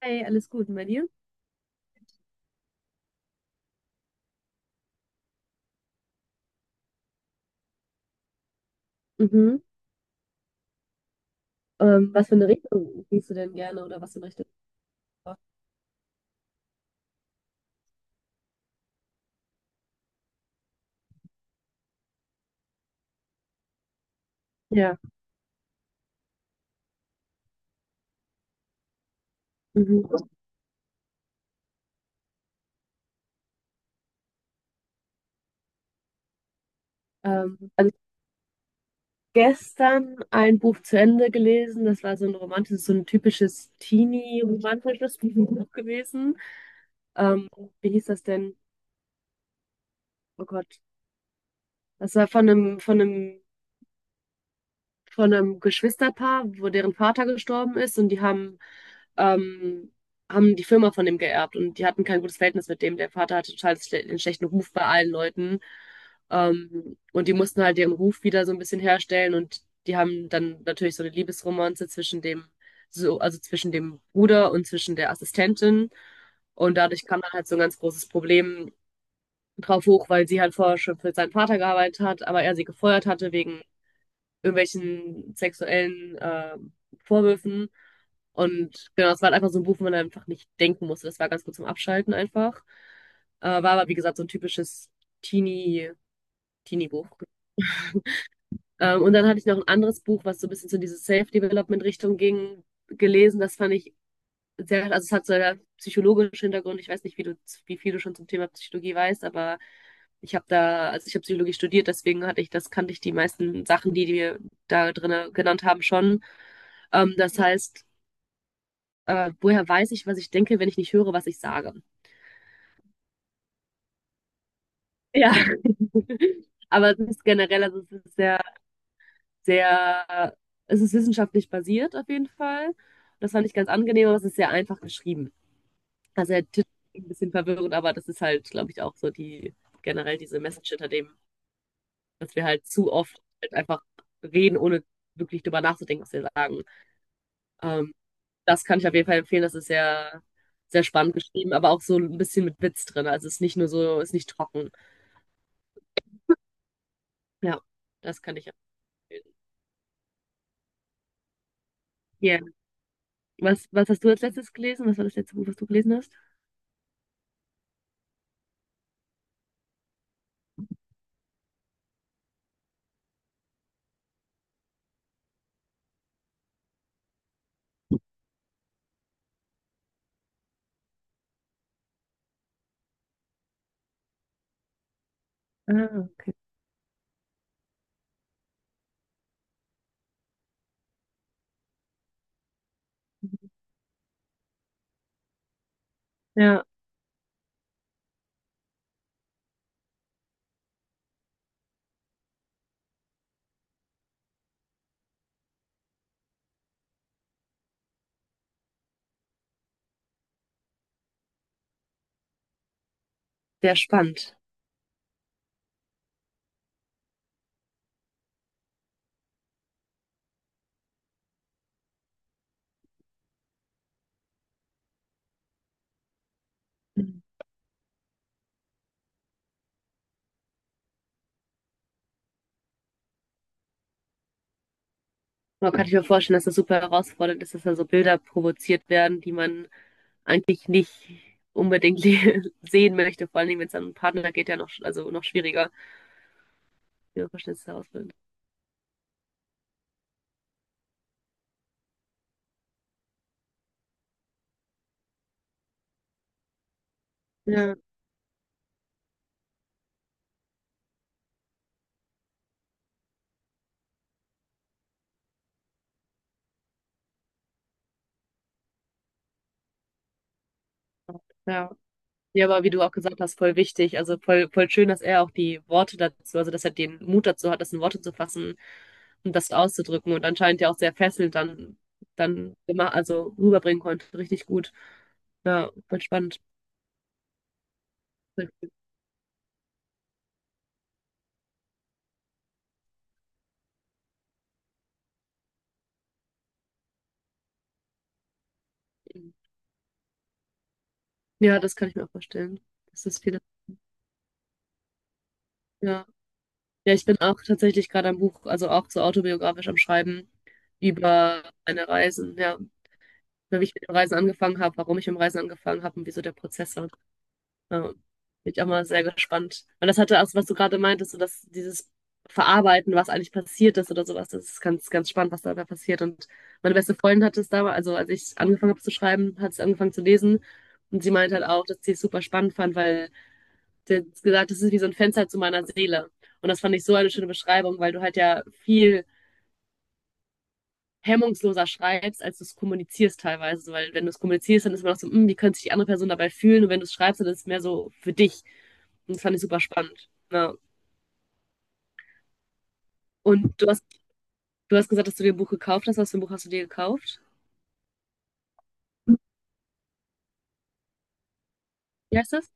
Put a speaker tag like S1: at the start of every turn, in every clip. S1: Hey, alles gut, und bei dir? Mhm. Was für eine Richtung gehst du denn gerne oder was für eine Richtung? Ja. Mhm. Also ich hab gestern ein Buch zu Ende gelesen. Das war so ein romantisches, so ein typisches Teenie-romantisches Buch gewesen. Ähm, Wie hieß das denn? Oh Gott. Das war von einem, von einem Geschwisterpaar, wo deren Vater gestorben ist und die haben, ähm, haben die Firma von dem geerbt und die hatten kein gutes Verhältnis mit dem. Der Vater hatte total schle einen schlechten Ruf bei allen Leuten. Und die mussten halt ihren Ruf wieder so ein bisschen herstellen und die haben dann natürlich so eine Liebesromanze zwischen dem, so, also zwischen dem Bruder und zwischen der Assistentin. Und dadurch kam dann halt so ein ganz großes Problem drauf hoch, weil sie halt vorher schon für seinen Vater gearbeitet hat, aber er sie gefeuert hatte wegen irgendwelchen sexuellen Vorwürfen. Und genau, es war halt einfach so ein Buch, wo man einfach nicht denken musste. Das war ganz gut zum Abschalten einfach. War aber, wie gesagt, so ein typisches Teenie, Teenie-Buch. Und dann hatte ich noch ein anderes Buch, was so ein bisschen zu diese Self-Development-Richtung ging, gelesen. Das fand ich sehr, also es hat so einen psychologischen Hintergrund. Ich weiß nicht, wie viel du schon zum Thema Psychologie weißt, aber ich habe da, also ich habe Psychologie studiert, deswegen hatte ich, das kannte ich die meisten Sachen, die wir da drin genannt haben, schon. Das heißt, woher weiß ich, was ich denke, wenn ich nicht höre, was ich sage? Ja. Aber es ist generell, also es ist sehr, sehr, es ist wissenschaftlich basiert auf jeden Fall. Das fand ich ganz angenehm, aber es ist sehr einfach geschrieben. Also der Titel ist ein bisschen verwirrend, aber das ist halt, glaube ich, auch so die generell diese Message hinter dem, dass wir halt zu oft halt einfach reden, ohne wirklich drüber nachzudenken, was wir sagen. Ähm, Das kann ich auf jeden Fall empfehlen. Das ist sehr, sehr spannend geschrieben, aber auch so ein bisschen mit Witz drin. Also es ist nicht nur so, es ist nicht trocken. Ja, das kann ich empfehlen. Ja, was hast du als letztes gelesen? Was war das letzte Buch, was du gelesen hast? Ah, okay. Ja, sehr spannend. Man kann sich mir vorstellen, dass das super herausfordernd ist, dass da so Bilder provoziert werden, die man eigentlich nicht unbedingt sehen möchte, vor allen Dingen, wenn es an einen Partner geht, ja noch, also noch schwieriger, ihre Verständnisse ausbilden. Ja, ja. Ja, aber wie du auch gesagt hast, voll wichtig. Also voll, voll schön, dass er auch die Worte dazu, also dass er den Mut dazu hat, das in Worte zu fassen und das auszudrücken und anscheinend ja auch sehr fesselnd dann, dann immer, also rüberbringen konnte. Richtig gut. Ja, voll spannend. Ja, das kann ich mir auch vorstellen. Das ist viele. Ja. Ja, ich bin auch tatsächlich gerade am Buch, also auch so autobiografisch am Schreiben über meine Reisen, ja, wie ich mit den Reisen angefangen habe, warum ich mit dem Reisen angefangen habe und wieso der Prozess war. Ja, bin ich auch mal sehr gespannt. Und das hatte auch, was du gerade meintest, so dass dieses Verarbeiten, was eigentlich passiert ist oder sowas, das ist ganz, ganz spannend, was da dabei passiert. Und meine beste Freundin hat es damals, also als ich angefangen habe zu schreiben, hat es angefangen zu lesen und sie meinte halt auch, dass sie es super spannend fand, weil der hat gesagt, das ist wie so ein Fenster zu meiner Seele. Und das fand ich so eine schöne Beschreibung, weil du halt ja viel hemmungsloser schreibst, als du es kommunizierst teilweise. Weil wenn du es kommunizierst, dann ist man auch so, hm, wie könnte sich die andere Person dabei fühlen? Und wenn du es schreibst, dann ist es mehr so für dich. Und das fand ich super spannend. Ja. Und du hast, Du hast gesagt, dass du dir ein Buch gekauft hast. Was für ein Buch hast du dir gekauft? Wie heißt das?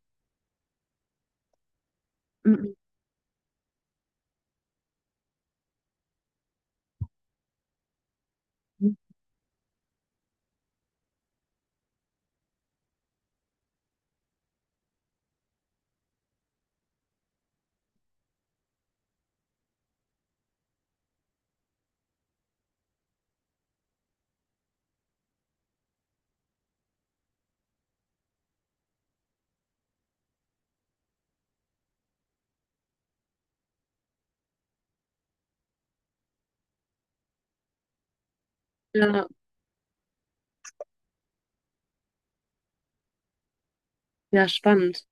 S1: Ja, ja spannend.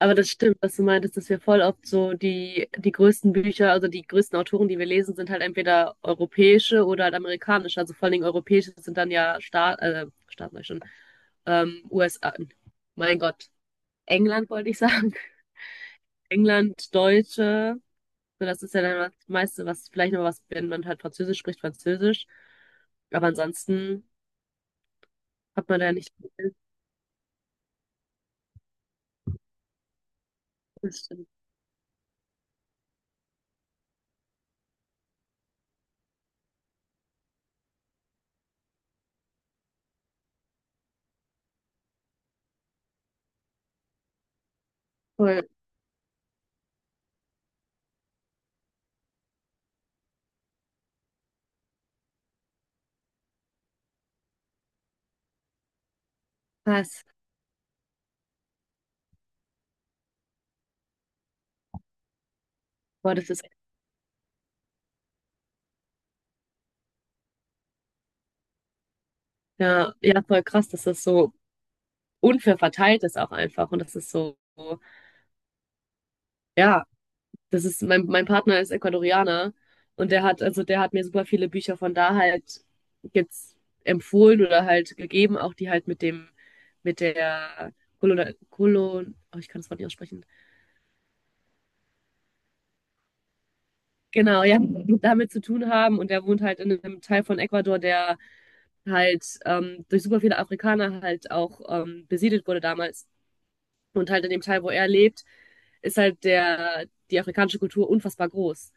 S1: Aber das stimmt, was du meintest, dass wir voll oft so die größten Bücher, also die größten Autoren, die wir lesen, sind halt entweder europäische oder halt amerikanische. Also vor allen Dingen europäische sind dann ja Staat sag ich schon, USA, mein Gott, England wollte ich sagen. England, Deutsche, so das ist ja dann das meiste, was vielleicht noch was, wenn man halt Französisch spricht, Französisch. Aber ansonsten hat man da ja nicht viel. Das stimmt. Voll krass. Boah, das ist ja, ja voll krass, dass das so unfair verteilt ist auch einfach. Und das ist so, ja, das ist, mein Partner ist Ecuadorianer und der hat, also der hat mir super viele Bücher von da halt jetzt empfohlen oder halt gegeben, auch die halt mit dem, mit der Kolon, oh, ich kann das Wort nicht aussprechen. Genau, ja, damit zu tun haben. Und der wohnt halt in einem Teil von Ecuador, der halt durch super viele Afrikaner halt auch besiedelt wurde damals. Und halt in dem Teil, wo er lebt, ist halt die afrikanische Kultur unfassbar groß.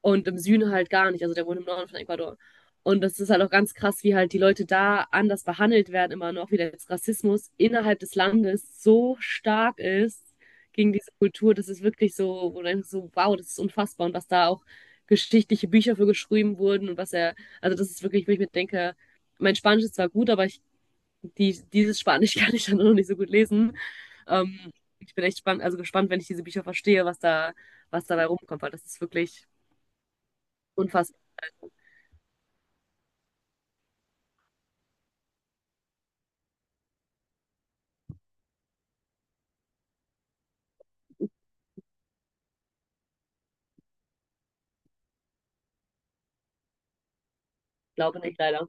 S1: Und im Süden halt gar nicht. Also der wohnt im Norden von Ecuador. Und das ist halt auch ganz krass, wie halt die Leute da anders behandelt werden, immer noch, wie der Rassismus innerhalb des Landes so stark ist gegen diese Kultur. Das ist wirklich so, wo du denkst, so, wow, das ist unfassbar. Und was da auch geschichtliche Bücher für geschrieben wurden und was er, also das ist wirklich, wo ich mir denke, mein Spanisch ist zwar gut, aber ich, dieses Spanisch kann ich dann noch nicht so gut lesen. Ähm, Ich bin echt spannend, also gespannt, wenn ich diese Bücher verstehe, was da, was dabei rumkommt, weil das ist wirklich unfassbar. Ich glaube nicht, leider.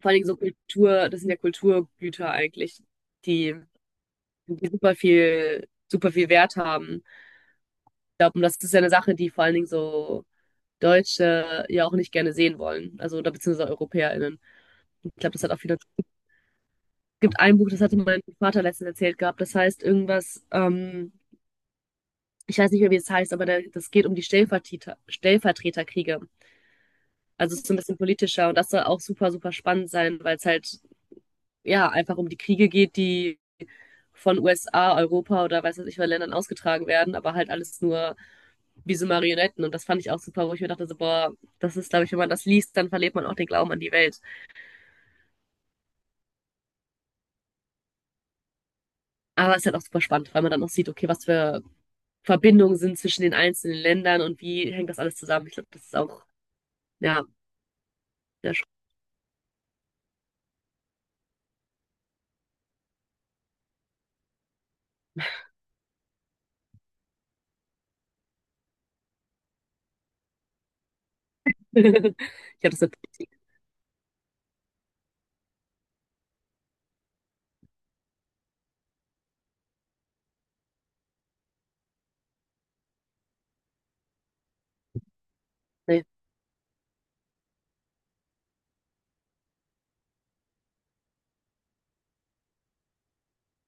S1: Vor allem so Kultur, das sind ja Kulturgüter eigentlich, die, die super viel Wert haben. Ich glaube, und das ist ja eine Sache, die vor allen Dingen so Deutsche ja auch nicht gerne sehen wollen. Also, oder beziehungsweise EuropäerInnen. Ich glaube, das hat auch viele. Es gibt ein Buch, das hatte mein Vater letztens erzählt gehabt, das heißt irgendwas, ich weiß nicht mehr, wie es heißt, aber der, das geht um die Stellvertreterkriege. Also es ist so ein bisschen politischer und das soll auch super, super spannend sein, weil es halt ja einfach um die Kriege geht, die von USA, Europa oder weiß was ich, von Ländern ausgetragen werden, aber halt alles nur wie so Marionetten. Und das fand ich auch super, wo ich mir dachte, so, boah, das ist, glaube ich, wenn man das liest, dann verliert man auch den Glauben an die Welt. Aber es ist halt auch super spannend, weil man dann auch sieht, okay, was für Verbindungen sind zwischen den einzelnen Ländern und wie hängt das alles zusammen. Ich glaube, das ist auch, ja, sehr spannend. Ich glaube, das ist eine Politik. Nee,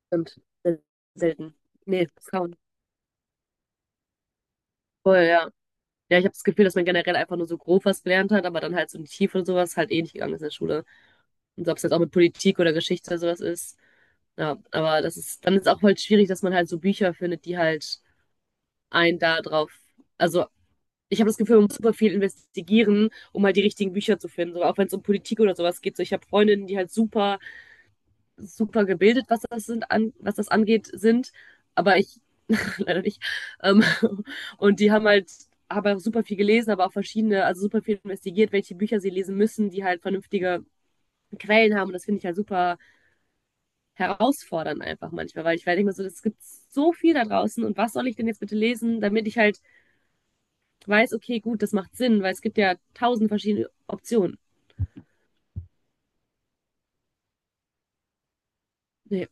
S1: stimmt. Selten. Nee, kaum. Voll, ja. Ja, ich habe das Gefühl, dass man generell einfach nur so grob was gelernt hat, aber dann halt so in die Tiefe und sowas halt eh nicht gegangen ist in der Schule. Und so, ob es jetzt auch mit Politik oder Geschichte oder sowas ist. Ja, aber das ist, dann ist auch halt schwierig, dass man halt so Bücher findet, die halt einen da drauf. Also, ich habe das Gefühl, man muss super viel investigieren, um halt die richtigen Bücher zu finden. So, auch wenn es um Politik oder sowas geht. So, ich habe Freundinnen, die halt super gebildet, was das sind, an, was das angeht, sind, aber ich leider nicht. Ähm, und die haben auch super viel gelesen, aber auch verschiedene, also super viel investigiert, welche Bücher sie lesen müssen, die halt vernünftige Quellen haben. Und das finde ich halt super herausfordernd einfach manchmal, weil ich werde immer so, es gibt so viel da draußen und was soll ich denn jetzt bitte lesen, damit ich halt weiß, okay, gut, das macht Sinn, weil es gibt ja tausend verschiedene Optionen. Nee.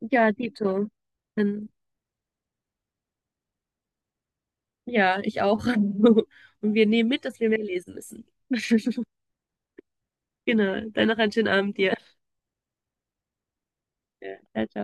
S1: Ja, Dito. Dann ja, ich auch. Und wir nehmen mit, dass wir mehr lesen müssen. Genau. Dann noch einen schönen Abend dir. Ja. Ciao, ciao.